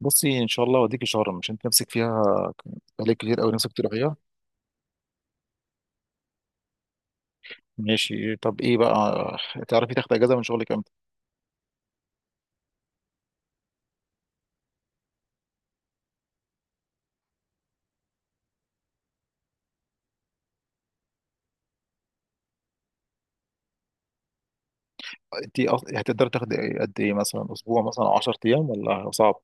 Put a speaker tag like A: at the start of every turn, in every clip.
A: بصي ان شاء الله اوديكي شرم. مش انت نفسك فيها؟ عليك كتير قوي نفسك تروحيها. ماشي، طب ايه بقى؟ تعرفي تاخدي اجازه من شغلك امتى؟ انت هتقدري تاخدي قد ايه؟ مثلا اسبوع مثلا او 10 ايام ولا صعب؟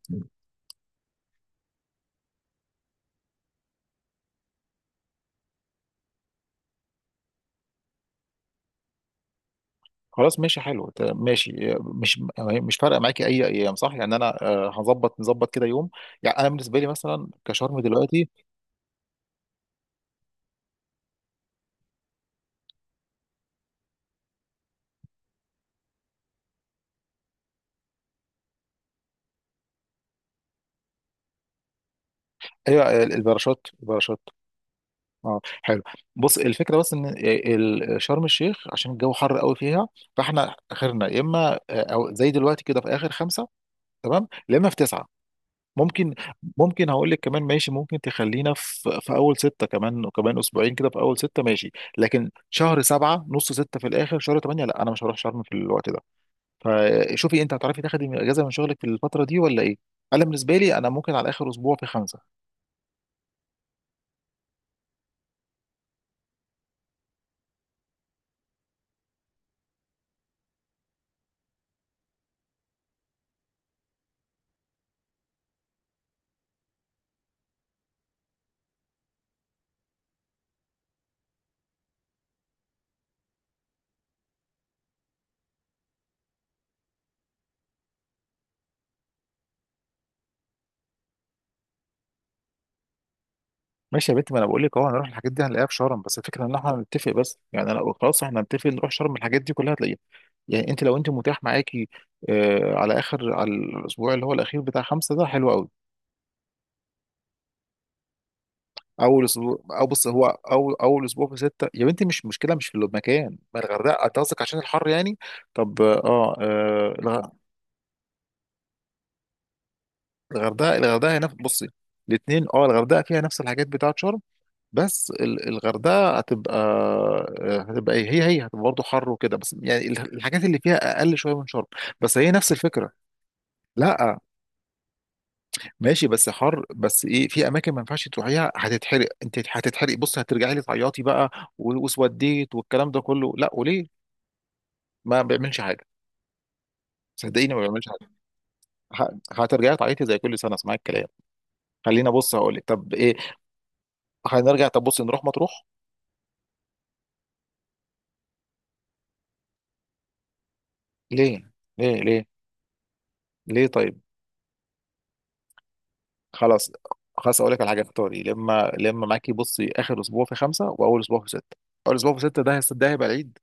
A: خلاص ماشي حلو، ماشي. مش فارقه معاكي اي ايام، صح؟ يعني انا هظبط، نظبط كده يوم. يعني انا بالنسبه لي مثلا كشرم دلوقتي. هي الباراشوت، اه حلو. بص الفكره بس ان شرم الشيخ عشان الجو حر قوي فيها، فاحنا اخرنا يا اما او زي دلوقتي كده في اخر خمسه. تمام، يا اما في تسعه ممكن. ممكن هقول لك كمان، ماشي ممكن تخلينا في اول سته، كمان وكمان اسبوعين كده في اول سته ماشي. لكن شهر سبعه، نص سته في الاخر شهر ثمانيه، لا انا مش هروح شرم في الوقت ده. فشوفي انت هتعرفي تاخدي اجازه من شغلك في الفتره دي ولا ايه؟ انا بالنسبه لي انا ممكن على اخر اسبوع في خمسه. ماشي يا بنت، ما انا بقول لك اهو هنروح الحاجات دي هنلاقيها في شرم. بس الفكره ان احنا هنتفق. بس يعني انا خلاص، احنا هنتفق نروح شرم، الحاجات دي كلها هتلاقيها. يعني انت لو انت متاح معاكي، آه على اخر على الاسبوع اللي هو الاخير بتاع خمسه، ده حلو قوي. اول اسبوع، او بص هو اول اسبوع في سته يا بنتي مش مشكله. مش في المكان، ما الغردقه انت قصدك عشان الحر يعني. طب اه، آه الغ- الغردقه هي نفس. بصي الاثنين، اه الغردقه فيها نفس الحاجات بتاعت شرم. بس الغردقه هتبقى هتبقى إيه؟ هي هتبقى برضه حر وكده. بس يعني الحاجات اللي فيها اقل شويه من شرم. بس هي نفس الفكره. لا ماشي، بس حر بس ايه، في اماكن ما ينفعش تروحيها هتتحرق. انت هتتحرق، بص هترجعي لي تعيطي بقى. وسوديت والكلام ده كله، لا وليه. ما بيعملش حاجه، صدقيني ما بيعملش حاجه. هترجعي تعيطي زي كل سنه. اسمعي الكلام، خلينا. بص هقول لك، طب ايه، هنرجع. طب بص، نروح مطروح. ليه ليه ليه؟ ليه طيب؟ خلاص خلاص، اقول لك على حاجه. اختاري لما معاكي. بصي اخر اسبوع في خمسه واول اسبوع في سته، اول اسبوع في سته ده ده هيبقى العيد.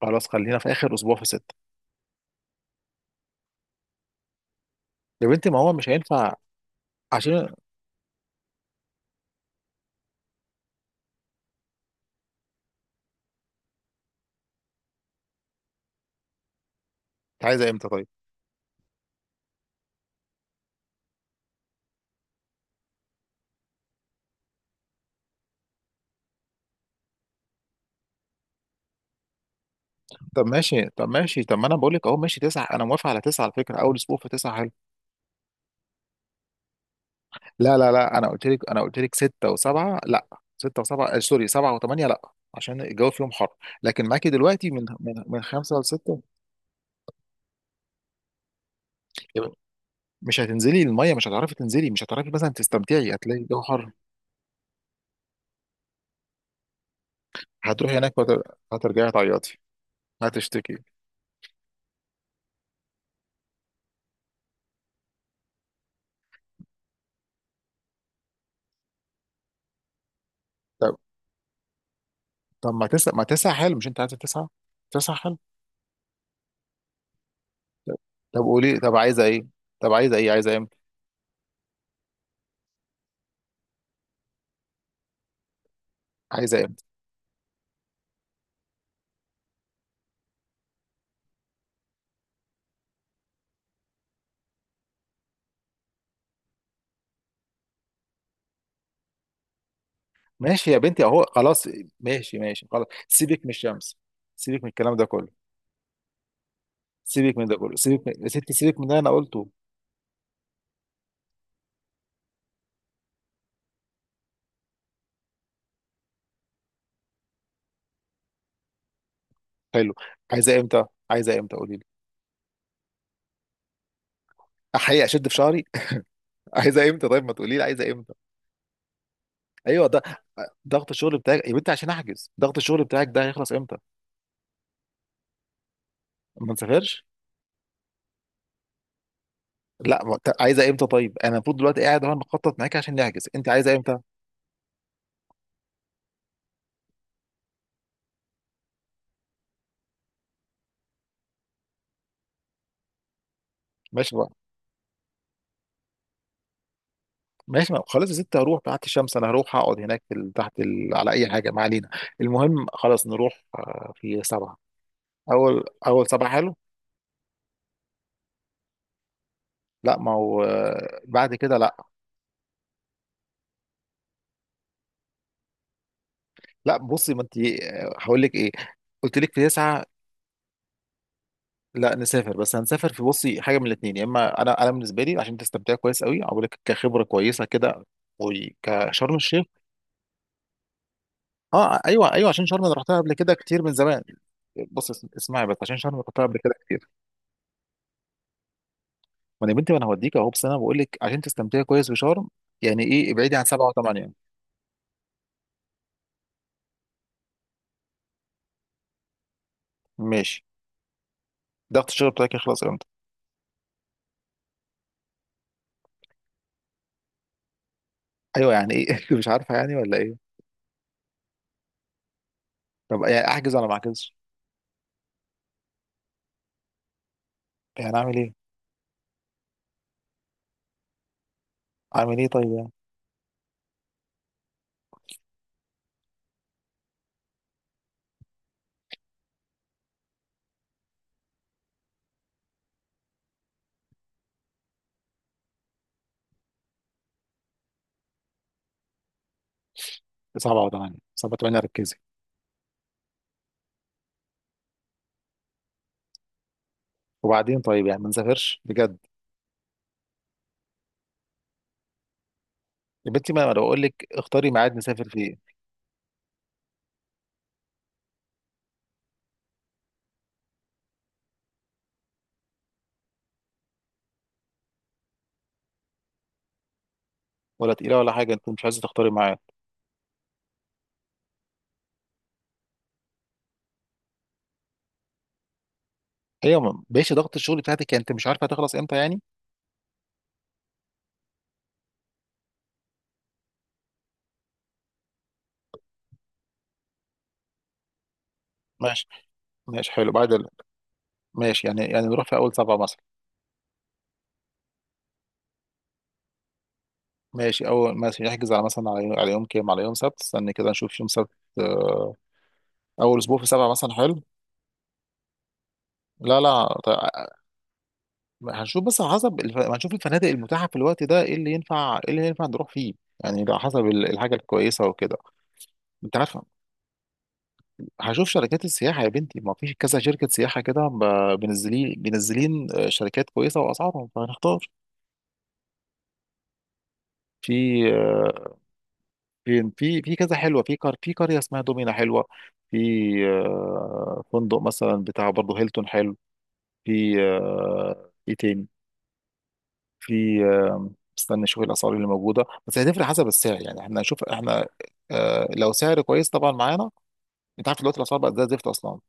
A: خلاص خلينا في اخر اسبوع في سته. يا بنتي ما هو مش هينفع عشان انت. عايزه امتى طيب؟ طب ماشي، طب ماشي، طب ما انا بقول لك اهو ماشي تسعه، انا موافق على تسعه. على فكره اول اسبوع في تسعه حلو. لا انا قلت لك، انا قلت لك سته وسبعه لا، سته وسبعه سوري سبعه وثمانيه لا، عشان الجو فيهم حر. لكن معاكي دلوقتي من خمسه لسته يبقى. مش هتنزلي الميه، مش هتعرفي تنزلي، مش هتعرفي مثلا تستمتعي، هتلاقي الجو حر. هتروحي هناك هترجعي تعيطي. هتشتكي. طب، ما تسع حلو، مش انت عايزه تسعه؟ تسع حلو. طب، طب قولي، طب عايزه ايه؟ طب عايزه ايه؟ عايزه امتى؟ عايزه امتى؟ ماشي يا بنتي اهو خلاص. ماشي ماشي خلاص، سيبك من الشمس، سيبك من الكلام ده كله. سيبك من ده كله، سيبك من يا ستي سيبك من ده، انا قلته. حلو. عايزه امتى؟ عايزه امتى قولي لي؟ احيي اشد في شعري. عايزه امتى طيب؟ ما تقولي لي عايزه امتى. ايوه ده. ضغط الشغل بتاعك يا بنتي عشان احجز، ضغط الشغل بتاعك ده هيخلص امتى؟ ما نسافرش؟ لا ما أنت عايزه امتى طيب؟ انا المفروض دلوقتي قاعد اهو نخطط معاك عشان نحجز، انت عايزه امتى؟ ماشي بقى، ماشي بقى. خلاص يا ستي هروح تحت الشمس. انا هروح اقعد هناك في تحت ال على اي حاجه، ما علينا. المهم خلاص نروح في سبعه. اول سبعه حلو. لا ما هو بعد كده لا. لا بصي ما انت، هقول لك ايه، قلت لك في تسعه. لا نسافر، بس هنسافر في. بصي حاجه من الاثنين، يا اما انا، انا بالنسبه لي عشان تستمتعي كويس قوي اقول لك كخبره كويسه كده، وكشرم الشيخ. اه ايوه ايوه، عشان شرم انا رحتها قبل كده كتير من زمان. بص اسمعي بس، عشان شرم رحتها قبل كده كتير. ما انا يا بنتي ما انا هوديك اهو، بس انا بقول لك عشان تستمتعي كويس بشرم، يعني ايه ابعدي عن سبعه وثمانيه. ماشي. ضغط الشغل بتاعك يخلص امتى؟ ايوه، يعني ايه؟ مش عارفه يعني ولا ايه؟ طب يعني احجز ولا ما احجزش؟ يعني اعمل ايه؟ اعمل ايه طيب يعني؟ سبعه وثمانيه، ركزي. وبعدين طيب يعني ما نسافرش بجد؟ يا بنتي ما انا بقول لك اختاري ميعاد نسافر فيه. ولا تقيله ولا حاجه، انت مش عايزه تختاري ميعاد. ايوه، ماشي ضغط الشغل بتاعتك، يعني انت مش عارفه هتخلص امتى يعني؟ ماشي، ماشي حلو بعد ال ماشي يعني، يعني نروح في اول سبعه مثلا. ماشي، اول مثلا نحجز على مثلا على يوم، على يوم كام، على يوم سبت. استني كده نشوف يوم سبت. آه، اول اسبوع في سبعه مثلا حلو. لا لا طيب. هنشوف، بس على حسب هنشوف الفنادق المتاحه في الوقت ده، ايه اللي ينفع، ايه اللي ينفع نروح فيه. يعني ده على حسب الحاجه الكويسه وكده. انت عارف، هشوف شركات السياحه يا بنتي. ما فيش كذا شركه سياحه كده بينزلين شركات كويسه واسعارهم، فهنختار. في آه، في في كذا حلوه، في في قريه اسمها دومينا حلوه. في فندق مثلا بتاع برضه هيلتون حلو. في ايه تاني؟ في استنى اشوف الاسعار اللي موجوده. بس هتفرق حسب السعر يعني، احنا نشوف احنا لو سعر كويس طبعا معانا. انت عارف دلوقتي الاسعار بقت زي الزفت اصلا.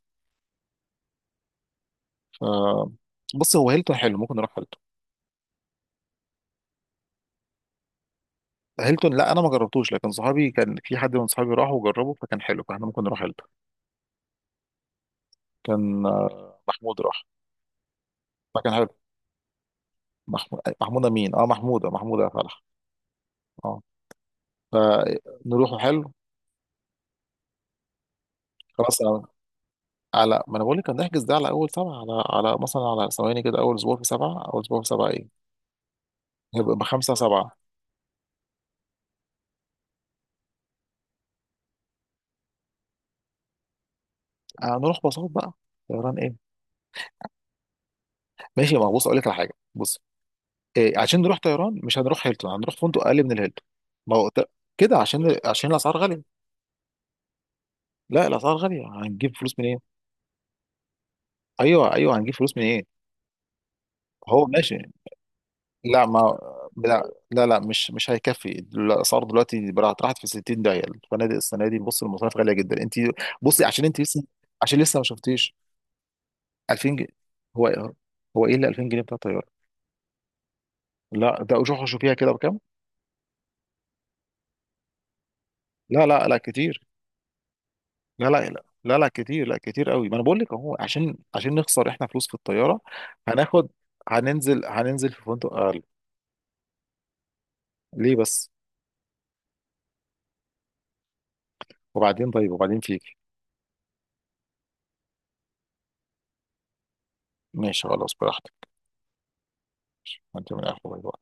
A: ف بص هو هيلتون حلو، ممكن نروح هيلتون. هيلتون لا انا ما جربتوش، لكن صحابي كان، في حد من صحابي راح وجربه فكان حلو، فاحنا ممكن نروح هيلتون. كان محمود راح فكان حلو. محمود، محمودة، مين؟ اه محمودة، محمودة يا فرح. اه. فنروحوا حلو. خلاص على ما انا بقول لك هنحجز ده على اول سبعة، على مثلا على ثواني كده اول اسبوع في سبعة، اول اسبوع في سبعة ايه؟ هيبقى بخمسة سبعة. هنروح باصات بقى؟ طيران ايه؟ ماشي، ما هو بص اقول لك على حاجة. بص إيه، عشان نروح طيران مش هنروح هيلتون، هنروح فندق اقل من الهيلتون. ما هو كده عشان عشان الاسعار غالية. لا الاسعار غالية، هنجيب فلوس منين؟ ايوه ايوه، هنجيب فلوس منين؟ هو ماشي. لا ما، لا مش، مش هيكفي. الاسعار دلوقتي بقى راحت في 60 داهيه، الفنادق السنه دي بص المصاريف غاليه جدا انت. بصي عشان انت لسه، عشان لسه ما شفتيش. 2000 جنيه! هو، هو ايه اللي 2000 جنيه بتاع الطياره؟ لا ده روحوا شوفيها كده بكام. لا كتير، لا كتير، لا كتير قوي. ما انا بقول لك اهو، عشان عشان نخسر احنا فلوس في الطياره، هناخد، هننزل في فندق اقل. ليه بس؟ وبعدين طيب وبعدين فيك. ماشي خلاص براحتك. انت من الاخر.